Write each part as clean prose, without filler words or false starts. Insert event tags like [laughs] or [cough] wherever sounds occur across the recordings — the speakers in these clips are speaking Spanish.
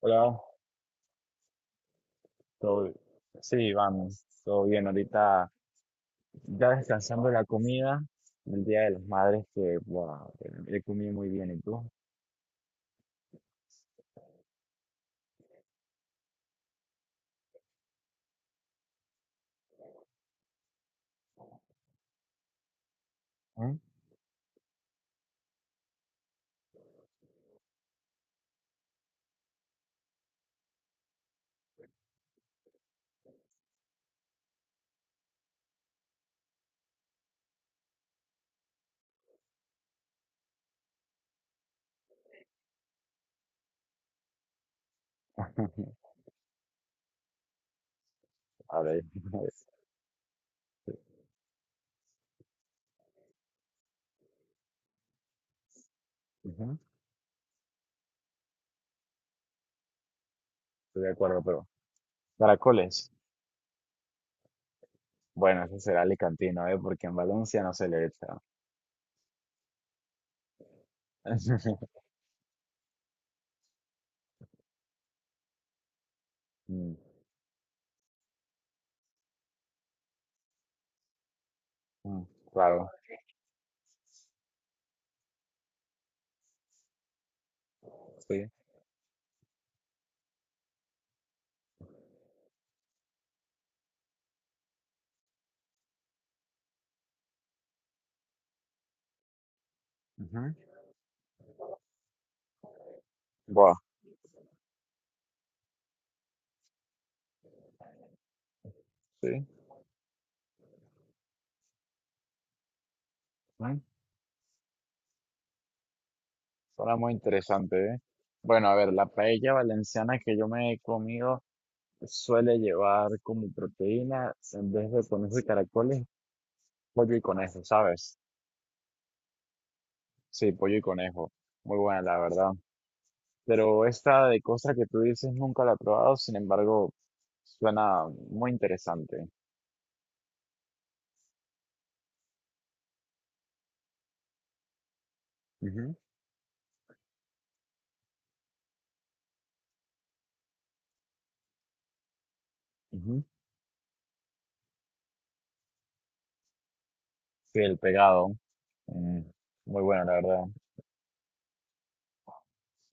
Hola, todo bi- sí, vamos, todo bien. Ahorita ya descansando de la comida del Día de las Madres, que wow, he comido muy bien. ¿Y tú? ¿Mm? Ahora ya- [laughs] Ujú. Estoy de acuerdo, pero caracoles. Bueno, ese será alicantino, ¿eh? Porque en Valencia no se le echa. [laughs] Mm. Mm. Claro, sí. Ujú. Buah, sí. Mm. Suena muy interesante, ¿eh? Bueno, a ver, la paella valenciana que yo me he comido. Suele llevar como proteína, en vez de conejo y caracoles, pollo y conejo, ¿sabes? Sí, pollo y conejo. Muy buena, la verdad. Pero esta de costra que tú dices nunca la he probado, sin embargo, suena muy interesante. Ujú, ujú. Sí, el pegado. Mm, muy bueno, la verdad.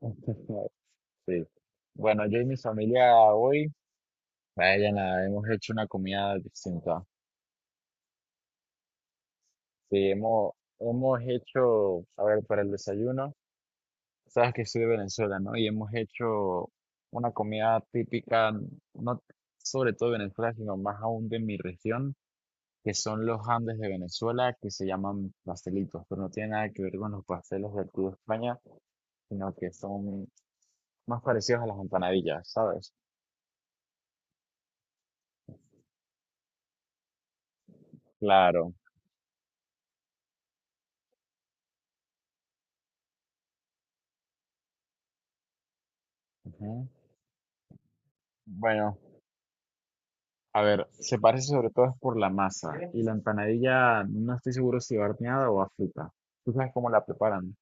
[laughs] Sí. Bueno, yo y mi familia hoy, vaya, nada, hemos hecho una comida distinta. Sí, hemos hecho, a ver, para el desayuno. Sabes que soy de Venezuela, ¿no? Y hemos hecho una comida típica, no sobre todo de Venezuela, sino más aún de mi región, que son los Andes de Venezuela, que se llaman pastelitos, pero no tiene nada que ver con los pastelos del Club España, sino que son más parecidos a las empanadillas, ¿sabes? Claro. Ujú. Bueno, a ver, se parece sobre todo es por la masa, y la empanadilla no estoy seguro si horneada o a frita. ¿Tú sabes cómo la preparan?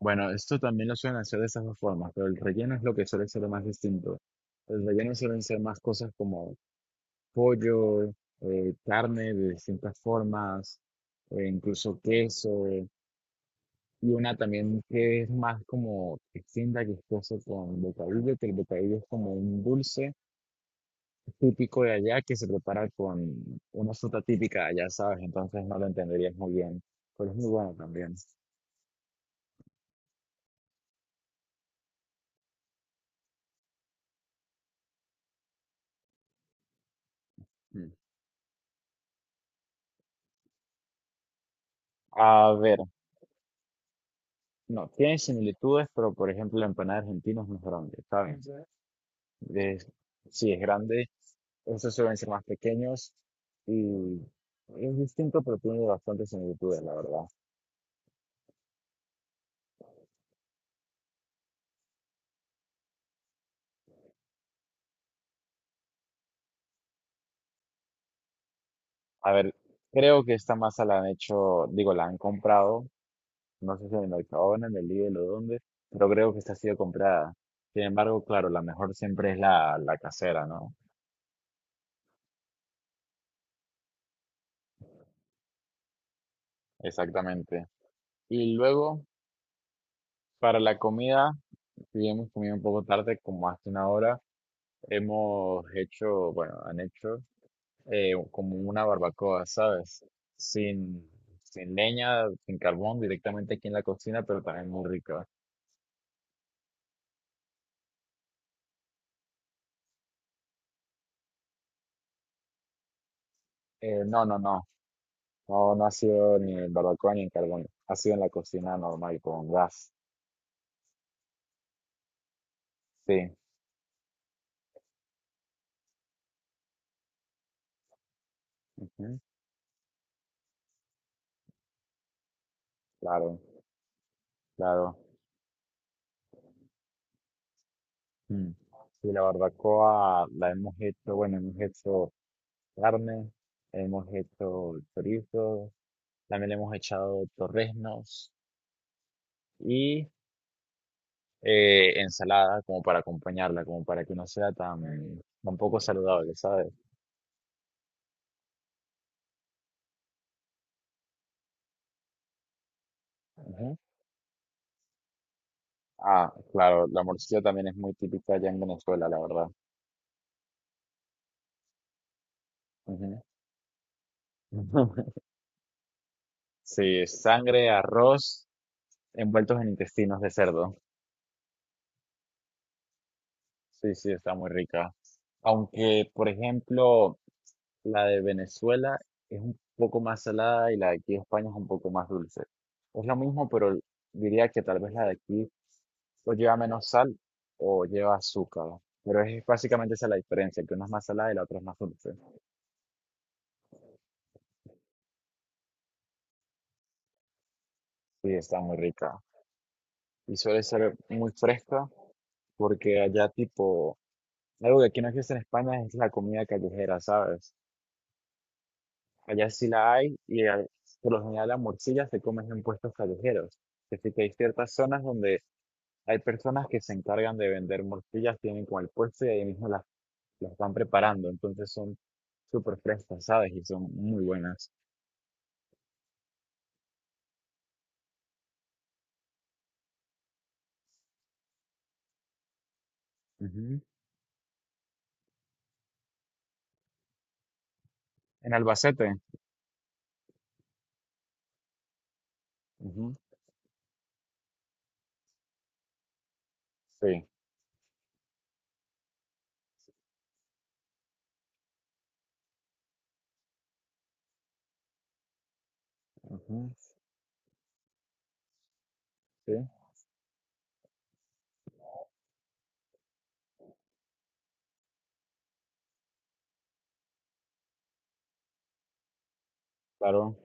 Bueno, esto también lo suelen hacer de esas dos formas, pero el relleno es lo que suele ser lo más distinto. El relleno suelen ser más cosas como pollo, carne de distintas formas, incluso queso, y una también que es más como distinta, que es queso con bocadillo, que el bocadillo es como un dulce típico de allá que se prepara con una fruta típica de allá, ¿sabes? Entonces no lo entenderías muy bien, pero es muy bueno también. Mm. A ver. No, tiene similitudes, pero por ejemplo la empanada argentina es más grande, ¿saben? Es- sí, es grande, esos suelen ser más pequeños y es distinto, pero tiene bastantes similitudes, la verdad. A ver, creo que esta masa la han hecho, digo, la han comprado, no sé si en el Mercadona, en el Lidl o dónde, pero creo que esta ha sido comprada. Sin embargo, claro, la mejor siempre es la casera, ¿no? Exactamente. Y luego, para la comida, si bien hemos comido un poco tarde, como hace una hora, hemos hecho, bueno, han hecho como una barbacoa, ¿sabes? Sin, sin leña, sin carbón, directamente aquí en la cocina, pero también muy rica. No, no, no, no, no ha sido ni en barbacoa ni en carbón, ha sido en la cocina normal, con gas. Sí, ujú, claro, claro. Mm. Y la barbacoa la hemos hecho, bueno, hemos hecho carne, hemos hecho chorizo, también le hemos echado torreznos, ensalada como para acompañarla, como para que no sea tan, tan poco saludable, ¿sabes? Ujú. Ah, claro, la morcilla también es muy típica allá en Venezuela, la verdad. Ujú. [laughs] Sí, sangre, arroz envueltos en intestinos de cerdo. Sí, sí, está muy rica. Aunque, por ejemplo, la de Venezuela es un poco más salada y la de aquí de España es un poco más dulce. Es lo mismo, pero diría que tal vez la de aquí o lleva menos sal o lleva azúcar. Pero es básicamente esa la diferencia, que una es más salada y la otra es más dulce. Sí, está muy rica. Y suele ser muy fresca porque allá tipo, algo que aquí no existe en España es la comida callejera, ¿sabes? Allá sí la hay, y por lo general la morcilla se come en puestos callejeros. Es decir, que hay ciertas zonas donde hay personas que se encargan de vender morcillas, tienen como el puesto y ahí mismo las van preparando. Entonces son súper frescas, ¿sabes? Y son muy buenas. En Albacete. Ujú. Sí, ujú, sí, claro,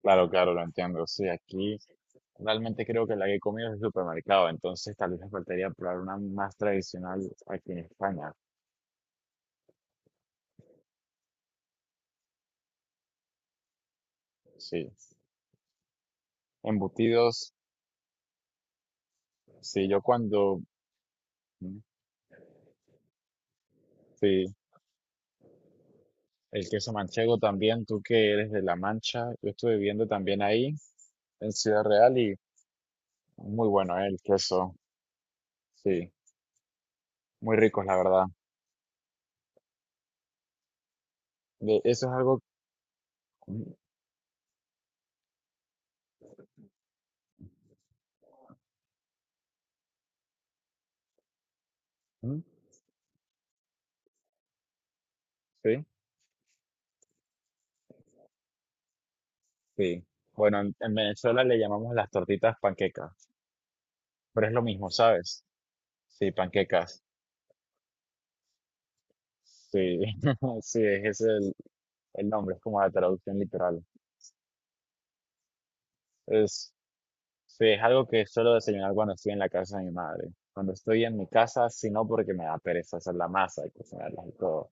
claro, claro, lo entiendo. Sí, aquí realmente creo que la que he comido es el supermercado, entonces tal vez me faltaría probar una más tradicional aquí en España. Sí, embutidos, sí, yo cuando, ujú, sí, el queso manchego también, tú que eres de La Mancha, yo estuve viviendo también ahí, en Ciudad Real, y muy bueno, el queso, sí, muy ricos, la verdad. Eso es algo, ujú, ujú, sí. Sí. Bueno, en Venezuela le llamamos las tortitas panquecas, pero es lo mismo, ¿sabes? Sí, panquecas. Sí, [laughs] sí, ese es el nombre, es como la traducción literal. Es, sí, es algo que suelo desayunar cuando estoy en la casa de mi madre. Cuando estoy en mi casa, si no porque me da pereza hacer la masa y cocinarlas y todo.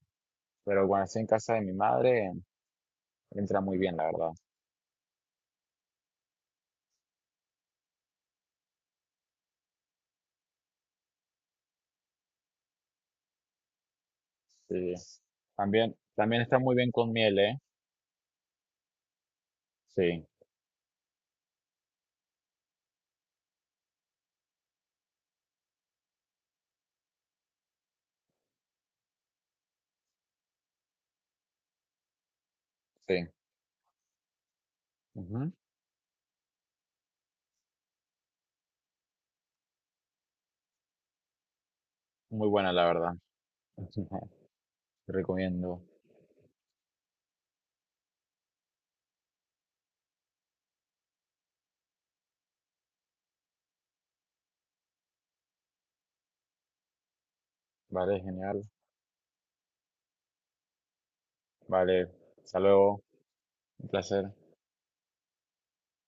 Pero cuando estoy en casa de mi madre, entra muy bien, la verdad. Sí. También está muy bien con miel, ¿eh? Sí, sí. Ujú. Muy buena, la verdad. [laughs] Te recomiendo. Vale, genial. Vale, hasta luego. Un placer.